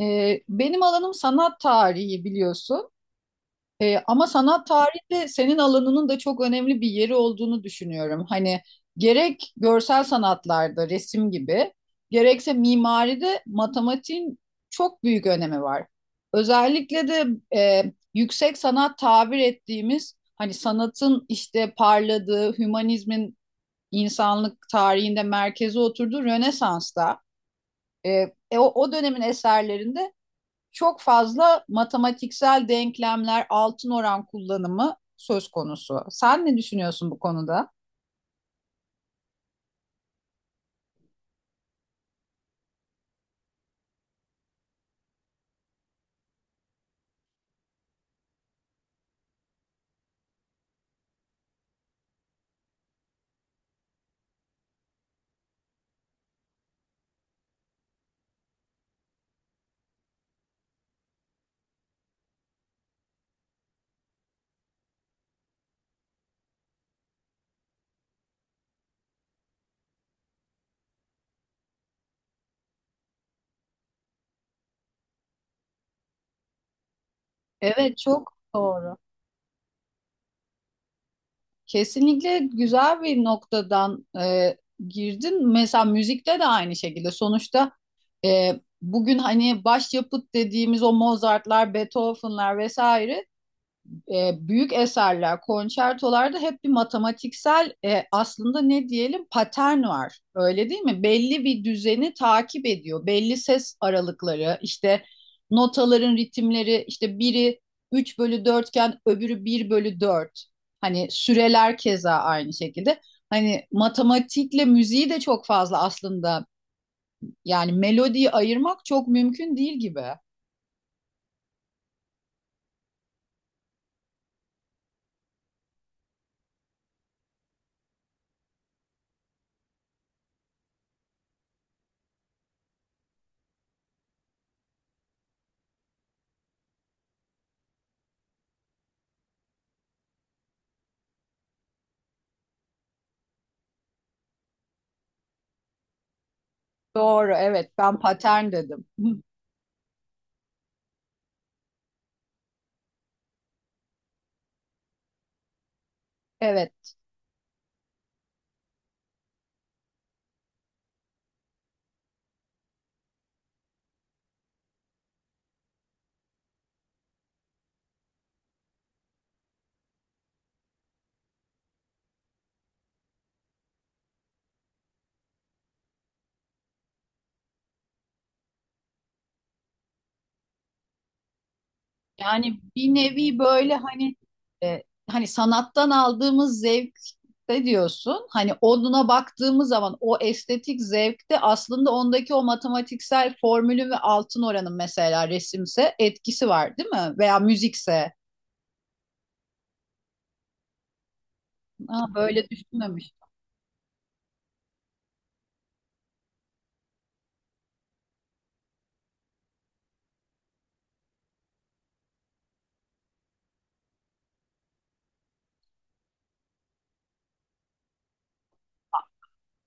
Benim alanım sanat tarihi biliyorsun. Ama sanat tarihinde senin alanının da çok önemli bir yeri olduğunu düşünüyorum. Hani gerek görsel sanatlarda resim gibi, gerekse mimaride matematiğin çok büyük önemi var. Özellikle de e, yüksek sanat tabir ettiğimiz hani sanatın işte parladığı, hümanizmin insanlık tarihinde merkeze oturduğu Rönesans'ta, e, o dönemin eserlerinde çok fazla matematiksel denklemler, altın oran kullanımı söz konusu. Sen ne düşünüyorsun bu konuda? Evet, çok doğru. Kesinlikle güzel bir noktadan girdin. Mesela müzikte de aynı şekilde. Sonuçta bugün hani başyapıt dediğimiz o Mozart'lar, Beethoven'lar vesaire büyük eserler, konçertolarda hep bir matematiksel, aslında ne diyelim patern var. Öyle değil mi? Belli bir düzeni takip ediyor. Belli ses aralıkları, işte notaların ritimleri, işte biri 3 bölü 4 iken öbürü bir bölü dört. Hani süreler keza aynı şekilde. Hani matematikle müziği de çok fazla aslında yani melodiyi ayırmak çok mümkün değil gibi. Doğru, evet ben patern dedim. Evet. Yani bir nevi böyle hani, e, hani sanattan aldığımız zevkte diyorsun. Hani onuna baktığımız zaman o estetik zevkte aslında ondaki o matematiksel formülün ve altın oranın mesela resimse etkisi var değil mi? Veya müzikse. Ha, böyle düşünmemiş.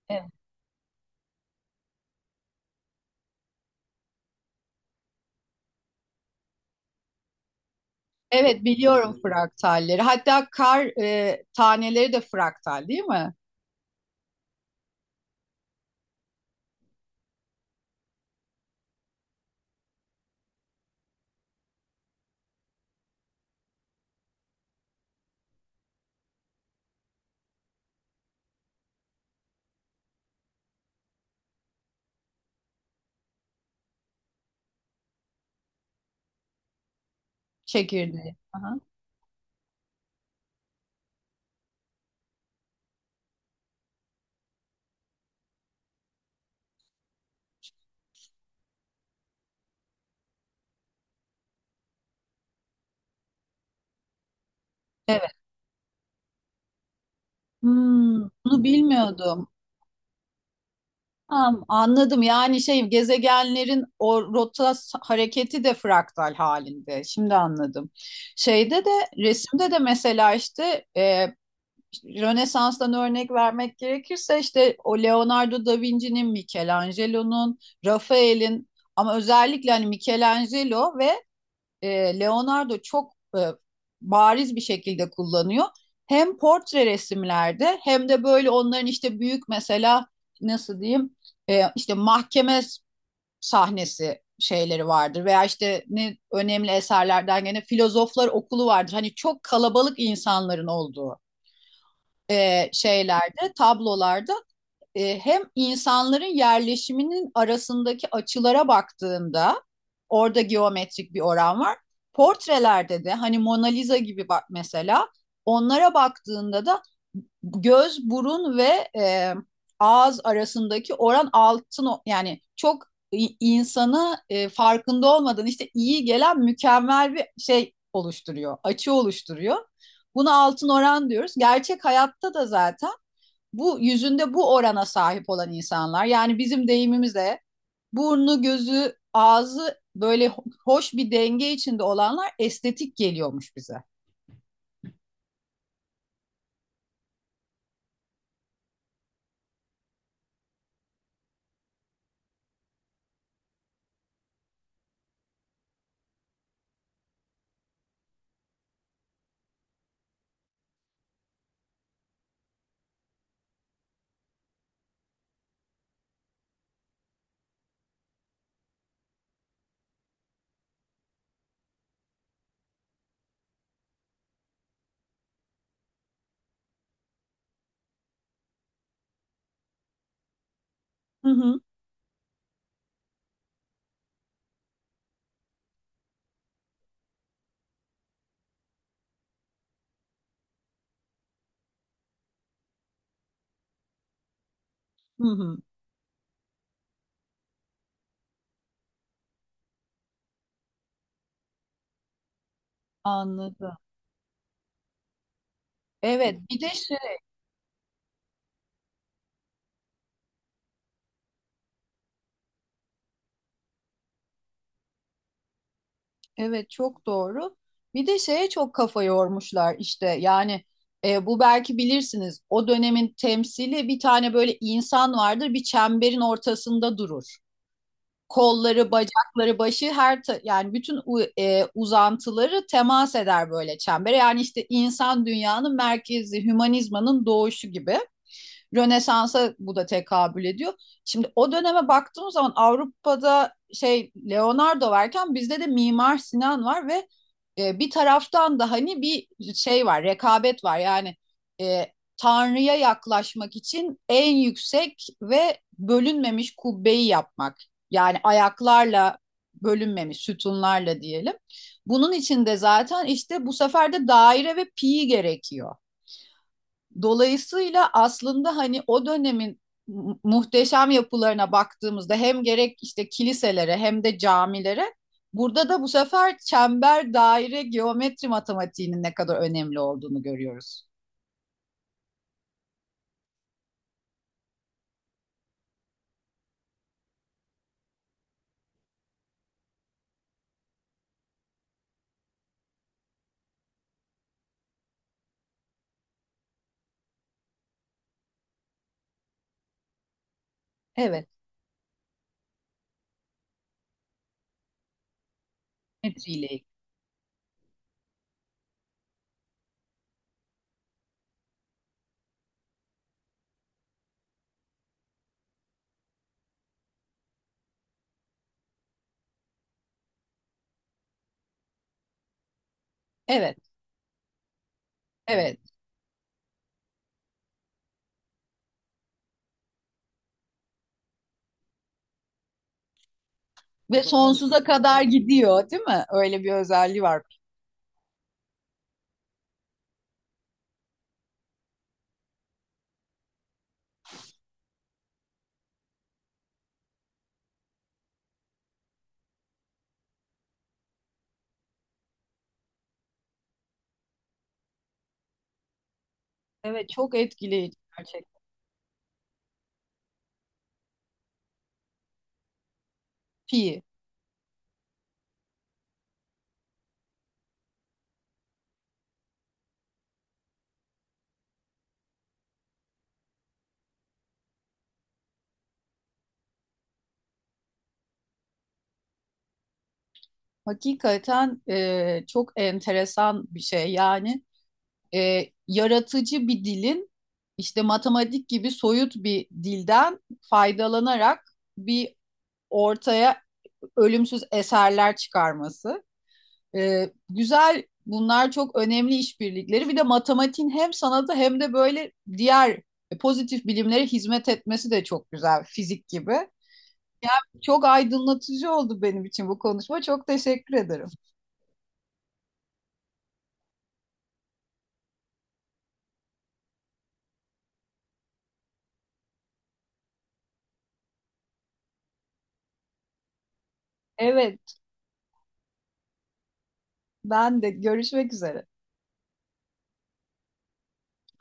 Evet. Evet biliyorum fraktalleri. Hatta kar taneleri de fraktal değil mi? Çekirdeği. Aha. Evet. Hmm, bunu bilmiyordum. Tamam, anladım. Yani şey gezegenlerin o hareketi de fraktal halinde. Şimdi anladım. Şeyde de resimde de mesela işte Rönesans'tan örnek vermek gerekirse işte o Leonardo da Vinci'nin, Michelangelo'nun, Rafael'in, ama özellikle hani Michelangelo ve Leonardo çok bariz bir şekilde kullanıyor. Hem portre resimlerde hem de böyle onların işte büyük, mesela nasıl diyeyim, işte mahkeme sahnesi şeyleri vardır veya işte ne önemli eserlerden gene filozoflar okulu vardır. Hani çok kalabalık insanların olduğu şeylerde, tablolarda, hem insanların yerleşiminin arasındaki açılara baktığında orada geometrik bir oran var. Portrelerde de hani Mona Lisa gibi bak mesela, onlara baktığında da göz, burun ve ağız arasındaki oran altın, yani çok insanı farkında olmadan işte iyi gelen mükemmel bir şey oluşturuyor, açı oluşturuyor. Buna altın oran diyoruz. Gerçek hayatta da zaten bu yüzünde bu orana sahip olan insanlar, yani bizim deyimimizle burnu, gözü, ağzı böyle hoş bir denge içinde olanlar estetik geliyormuş bize. Hı hı. Hı hı. Anladım. Evet, bir de şey. Evet çok doğru. Bir de şeye çok kafa yormuşlar işte yani, bu belki bilirsiniz, o dönemin temsili bir tane böyle insan vardır, bir çemberin ortasında durur. Kolları, bacakları, başı, yani bütün uzantıları temas eder böyle çembere. Yani işte insan dünyanın merkezi, hümanizmanın doğuşu gibi. Rönesans'a bu da tekabül ediyor. Şimdi o döneme baktığımız zaman Avrupa'da şey Leonardo varken bizde de Mimar Sinan var ve bir taraftan da hani bir şey var, rekabet var. Yani e, Tanrı'ya yaklaşmak için en yüksek ve bölünmemiş kubbeyi yapmak. Yani ayaklarla, bölünmemiş sütunlarla diyelim. Bunun için de zaten işte bu sefer de daire ve pi gerekiyor. Dolayısıyla aslında hani o dönemin muhteşem yapılarına baktığımızda hem gerek işte kiliselere hem de camilere, burada da bu sefer çember, daire, geometri matematiğinin ne kadar önemli olduğunu görüyoruz. Evet, geometriyle ilgili. Evet, evet. Ve sonsuza kadar gidiyor, değil mi? Öyle bir özelliği var. Evet, çok etkileyici gerçekten. Pi. Hakikaten çok enteresan bir şey. Yani yaratıcı bir dilin işte matematik gibi soyut bir dilden faydalanarak bir ortaya ölümsüz eserler çıkarması. E, güzel bunlar çok önemli işbirlikleri. Bir de matematiğin hem sanatı hem de böyle diğer pozitif bilimlere hizmet etmesi de çok güzel, fizik gibi. Çok aydınlatıcı oldu benim için bu konuşma. Çok teşekkür ederim. Evet, ben de görüşmek üzere.